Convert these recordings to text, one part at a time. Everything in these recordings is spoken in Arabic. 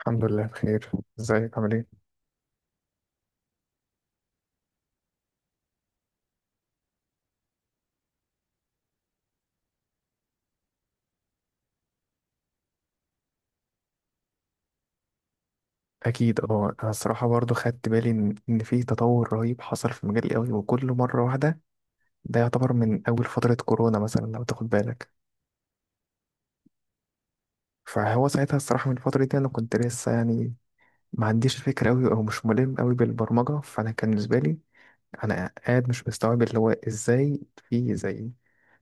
الحمد لله بخير. ازيك عامل ايه؟ اكيد اه، انا الصراحه برضو خدت بالي ان في تطور رهيب حصل في مجال قوي وكل مره واحده ده يعتبر من اول فتره كورونا مثلا لو تاخد بالك. فهو ساعتها الصراحه من الفتره دي انا كنت لسه يعني ما عنديش فكره قوي او مش ملم قوي بالبرمجه، فانا كان بالنسبه لي انا قاعد مش مستوعب اللي هو ازاي في زي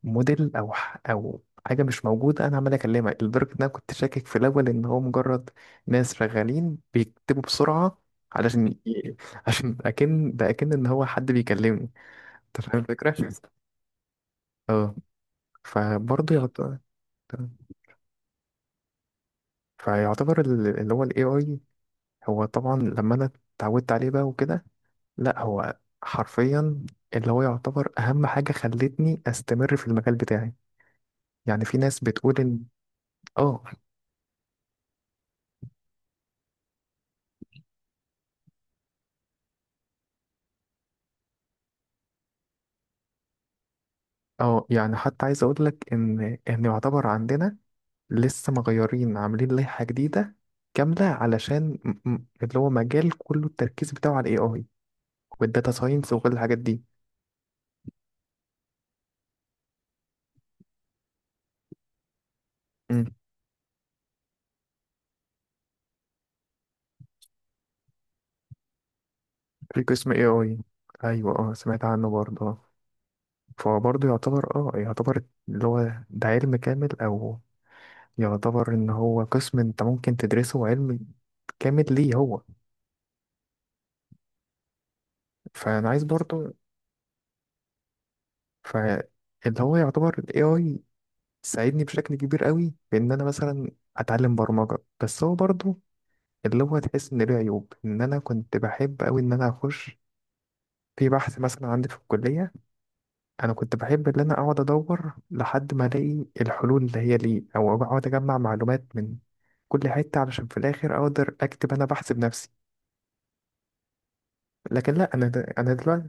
موديل او حاجه مش موجوده انا عمال اكلمها، لدرجه ان انا كنت شاكك في الاول ان هو مجرد ناس شغالين بيكتبوا بسرعه. علشان ي- عشان اكن ده اكن ان هو حد بيكلمني. انت فاهم الفكره؟ اه. فبرضه يعتبر، فيعتبر اللي هو الاي اي هو طبعا لما انا اتعودت عليه بقى وكده، لا هو حرفيا اللي هو يعتبر اهم حاجه خلتني استمر في المجال بتاعي. يعني في ناس بتقول ان اه اه، يعني حتى عايز اقول لك ان يعتبر عندنا لسه مغيرين عاملين لائحة جديدة كاملة علشان اللي هو مجال كله التركيز بتاعه على الاي اي والداتا ساينس وكل الحاجات دي. مم. في قسم اي اي؟ ايوه اه، سمعت عنه برضه آه. فبرضه يعتبر اه، يعتبر اللي هو ده علم كامل، او يعتبر ان هو قسم انت ممكن تدرسه علم كامل ليه هو. فانا عايز برضه، ف اللي هو يعتبر ال AI تساعدني بشكل كبير قوي في ان انا مثلا اتعلم برمجه. بس هو برضو اللي هو تحس ان له عيوب، ان انا كنت بحب قوي ان انا اخش في بحث مثلا عندي في الكليه، انا كنت بحب ان انا اقعد ادور لحد ما الاقي الحلول اللي هي ليه او اقعد اجمع معلومات من كل حته علشان في الاخر اقدر اكتب انا بحث بنفسي. لكن لا انا، انا دلوقتي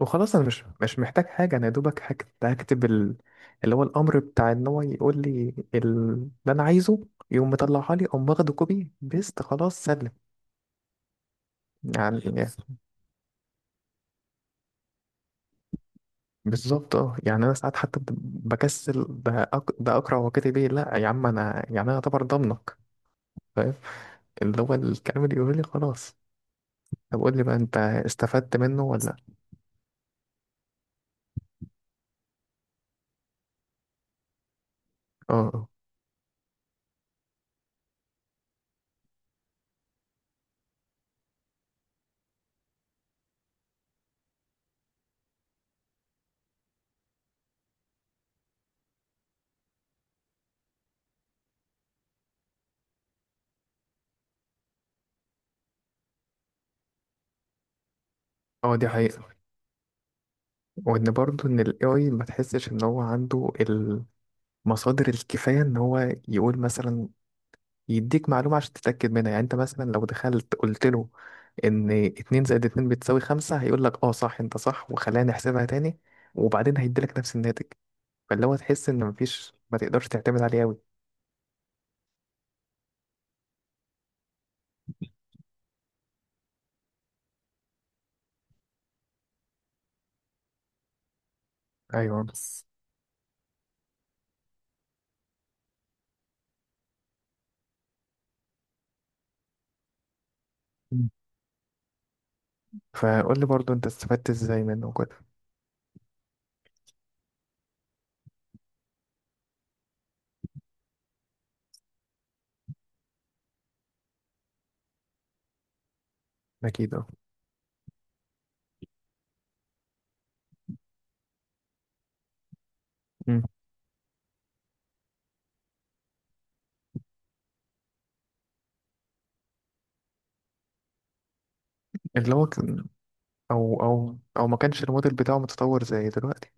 وخلاص انا مش محتاج حاجه، انا يا دوبك هكتب ال... اللي هو الامر بتاع ان هو يقول لي اللي انا عايزه يقوم مطلعها لي او واخده كوبي بيست خلاص سلم. يعني بالظبط اه، يعني انا ساعات حتى بكسل ده أق... ده اقرا وكاتب ايه، لا يا عم انا يعني انا اعتبر ضمنك، فاهم؟ اللي هو الكلام اللي يقول لي خلاص. طب قول لي بقى انت استفدت منه ولا لا؟ اه اه. آه، دي حقيقه، وان برضه ان الاي اي ما تحسش ان هو عنده مصادر الكفاية إن هو يقول مثلا، يديك معلومة عشان تتأكد منها. يعني أنت مثلا لو دخلت قلت له إن اتنين زائد اتنين بتساوي خمسة هيقول لك أه صح، أنت صح، وخلينا نحسبها تاني، وبعدين هيديلك نفس الناتج. فاللي هو تحس إن مفيش، ما تقدرش تعتمد عليه أوي. ايوه بس. مم. فقول لي برضو أنت استفدت إزاي منه كده؟ أكيد أه. مم. اللي هو كان أو ما كانش الموديل بتاعه متطور زي دلوقتي؟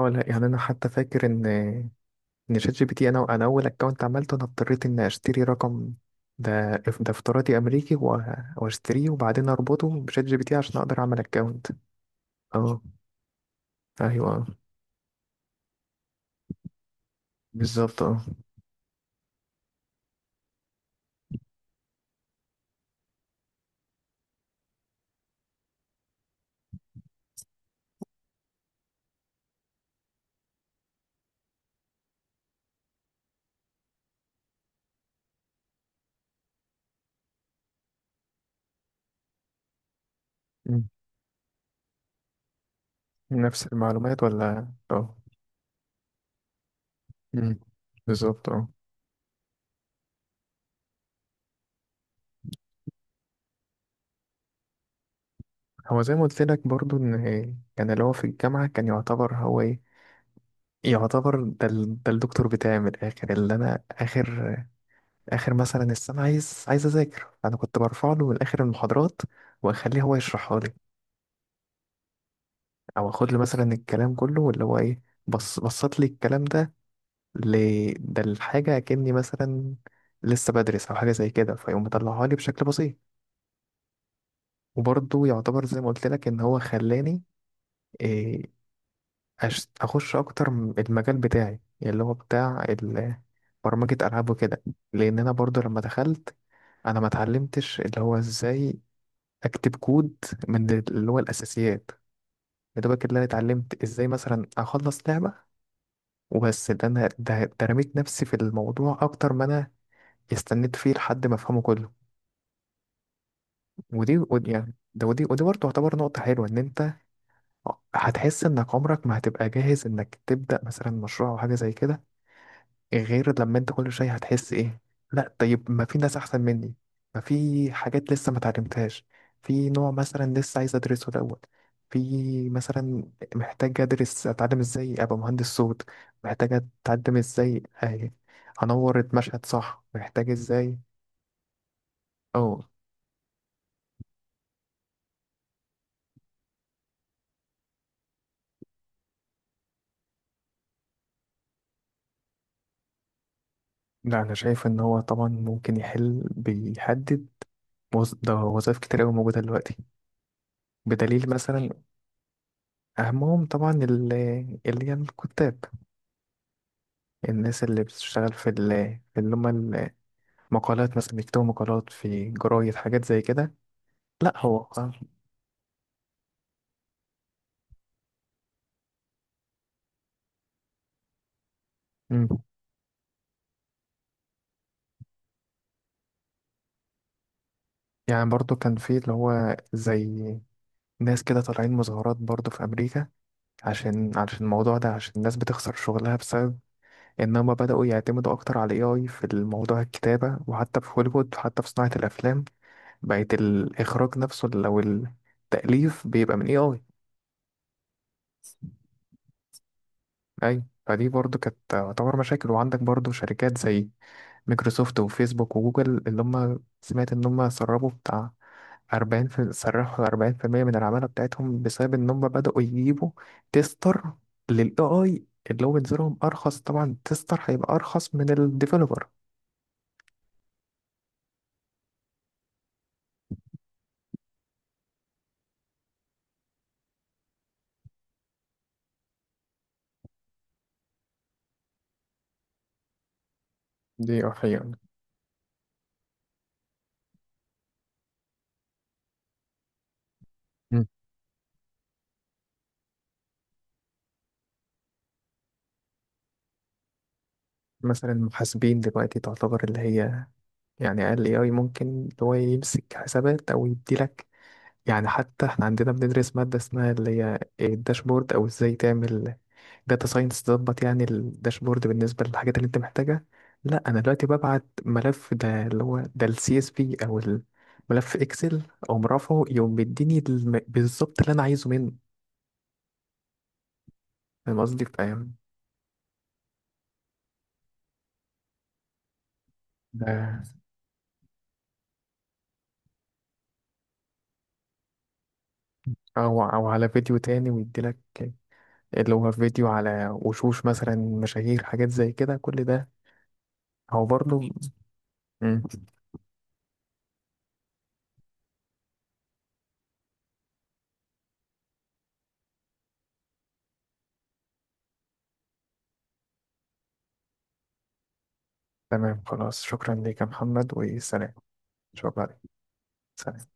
أه لا، يعني أنا حتى فاكر إن ان شات جي بي تي انا اول اكونت عملته انا اضطريت ان اشتري رقم، ده افتراضي امريكي، و- واشتريه وبعدين اربطه بشات جي بي تي عشان اقدر اعمل اكونت. اه ايوه بالظبط اه. مم. نفس المعلومات ولا اه؟ مم. بالظبط اه. هو زي ما قلت لك برضو ان كان اللي هو في الجامعه كان يعتبر هو ايه، يعتبر ده, ال... ده الدكتور بتاعي من الاخر، اللي انا اخر اخر مثلا السنه عايز اذاكر انا كنت برفع له من اخر المحاضرات واخليه هو يشرحها لي، او اخد لي مثلا الكلام كله واللي هو ايه، بص بصت لي الكلام ده ل... ده الحاجة كأني مثلا لسه بدرس او حاجة زي كده، فيقوم مطلعها لي بشكل بسيط. وبرضه يعتبر زي ما قلت لك ان هو خلاني إيه أش... اخش اكتر المجال بتاعي اللي هو بتاع ال... برمجة العاب وكده، لان انا برضه لما دخلت انا ما اتعلمتش اللي هو ازاي اكتب كود من اللي هو الاساسيات. يا دوبك اللي انا اتعلمت ازاي مثلا اخلص لعبة وبس. ده انا ده, ده رميت نفسي في الموضوع اكتر ما انا استنيت فيه لحد ما افهمه كله. ودي يعني ده ودي ودي برضه تعتبر نقطة حلوة، ان انت هتحس انك عمرك ما هتبقى جاهز انك تبدأ مثلا مشروع او حاجة زي كده، غير لما انت كل شويه هتحس ايه، لا طيب ما في ناس احسن مني، ما في حاجات لسه ما اتعلمتهاش، في نوع مثلا لسه عايز ادرسه الاول، في مثلا محتاج ادرس اتعلم ازاي ابقى مهندس صوت، محتاج اتعلم ازاي اه، انور المشهد صح، محتاج ازاي او. لا انا شايف ان هو طبعا ممكن يحل، بيحدد ده وظائف كتير قوي موجوده دلوقتي، بدليل مثلا اهمهم طبعا اللي هي الكتاب، الناس اللي بتشتغل في ال في اللي هم المقالات، مثلا بيكتبوا مقالات في جرايد، حاجات زي كده. لا هو. مم. يعني برضو كان في اللي هو زي ناس كده طالعين مظاهرات برضو في أمريكا، عشان الموضوع ده، عشان الناس بتخسر شغلها بسبب إن هما بدأوا يعتمدوا أكتر على ال AI في الموضوع الكتابة، وحتى في هوليوود وحتى في صناعة الأفلام بقت الإخراج نفسه أو التأليف بيبقى من AI. أيوة، فدي برضو كانت تعتبر مشاكل. وعندك برضو شركات زي مايكروسوفت وفيسبوك وجوجل اللي هم سمعت ان هم سربوا بتاع 40 في، سرحوا 40% من العمالة بتاعتهم بسبب ان هم بدأوا يجيبوا تيستر للاي اي، اللي هو بينزلهم ارخص، طبعا تيستر هيبقى ارخص من الديفلوبر. دي حقيقة. مم. مثلا محاسبين دلوقتي تعتبر اللي هي، يعني اقل اي اي ممكن اللي هو يمسك حسابات او يديلك. يعني حتى احنا عندنا بندرس مادة اسمها اللي هي الداشبورد او ازاي تعمل داتا ساينس تظبط يعني الداشبورد بالنسبة للحاجات اللي انت محتاجها. لا انا دلوقتي ببعت ملف ده اللي هو ده السي اس في او الملف اكسل او مرافعه، يقوم بيديني بالظبط اللي انا عايزه منه، فاهم قصدي؟ فاهم. ده او او على فيديو تاني ويديلك اللي هو فيديو على وشوش مثلا مشاهير، حاجات زي كده كل ده. هو برضه. مم. تمام خلاص، شكرا ليك يا محمد وسلام. شكرا. سلام.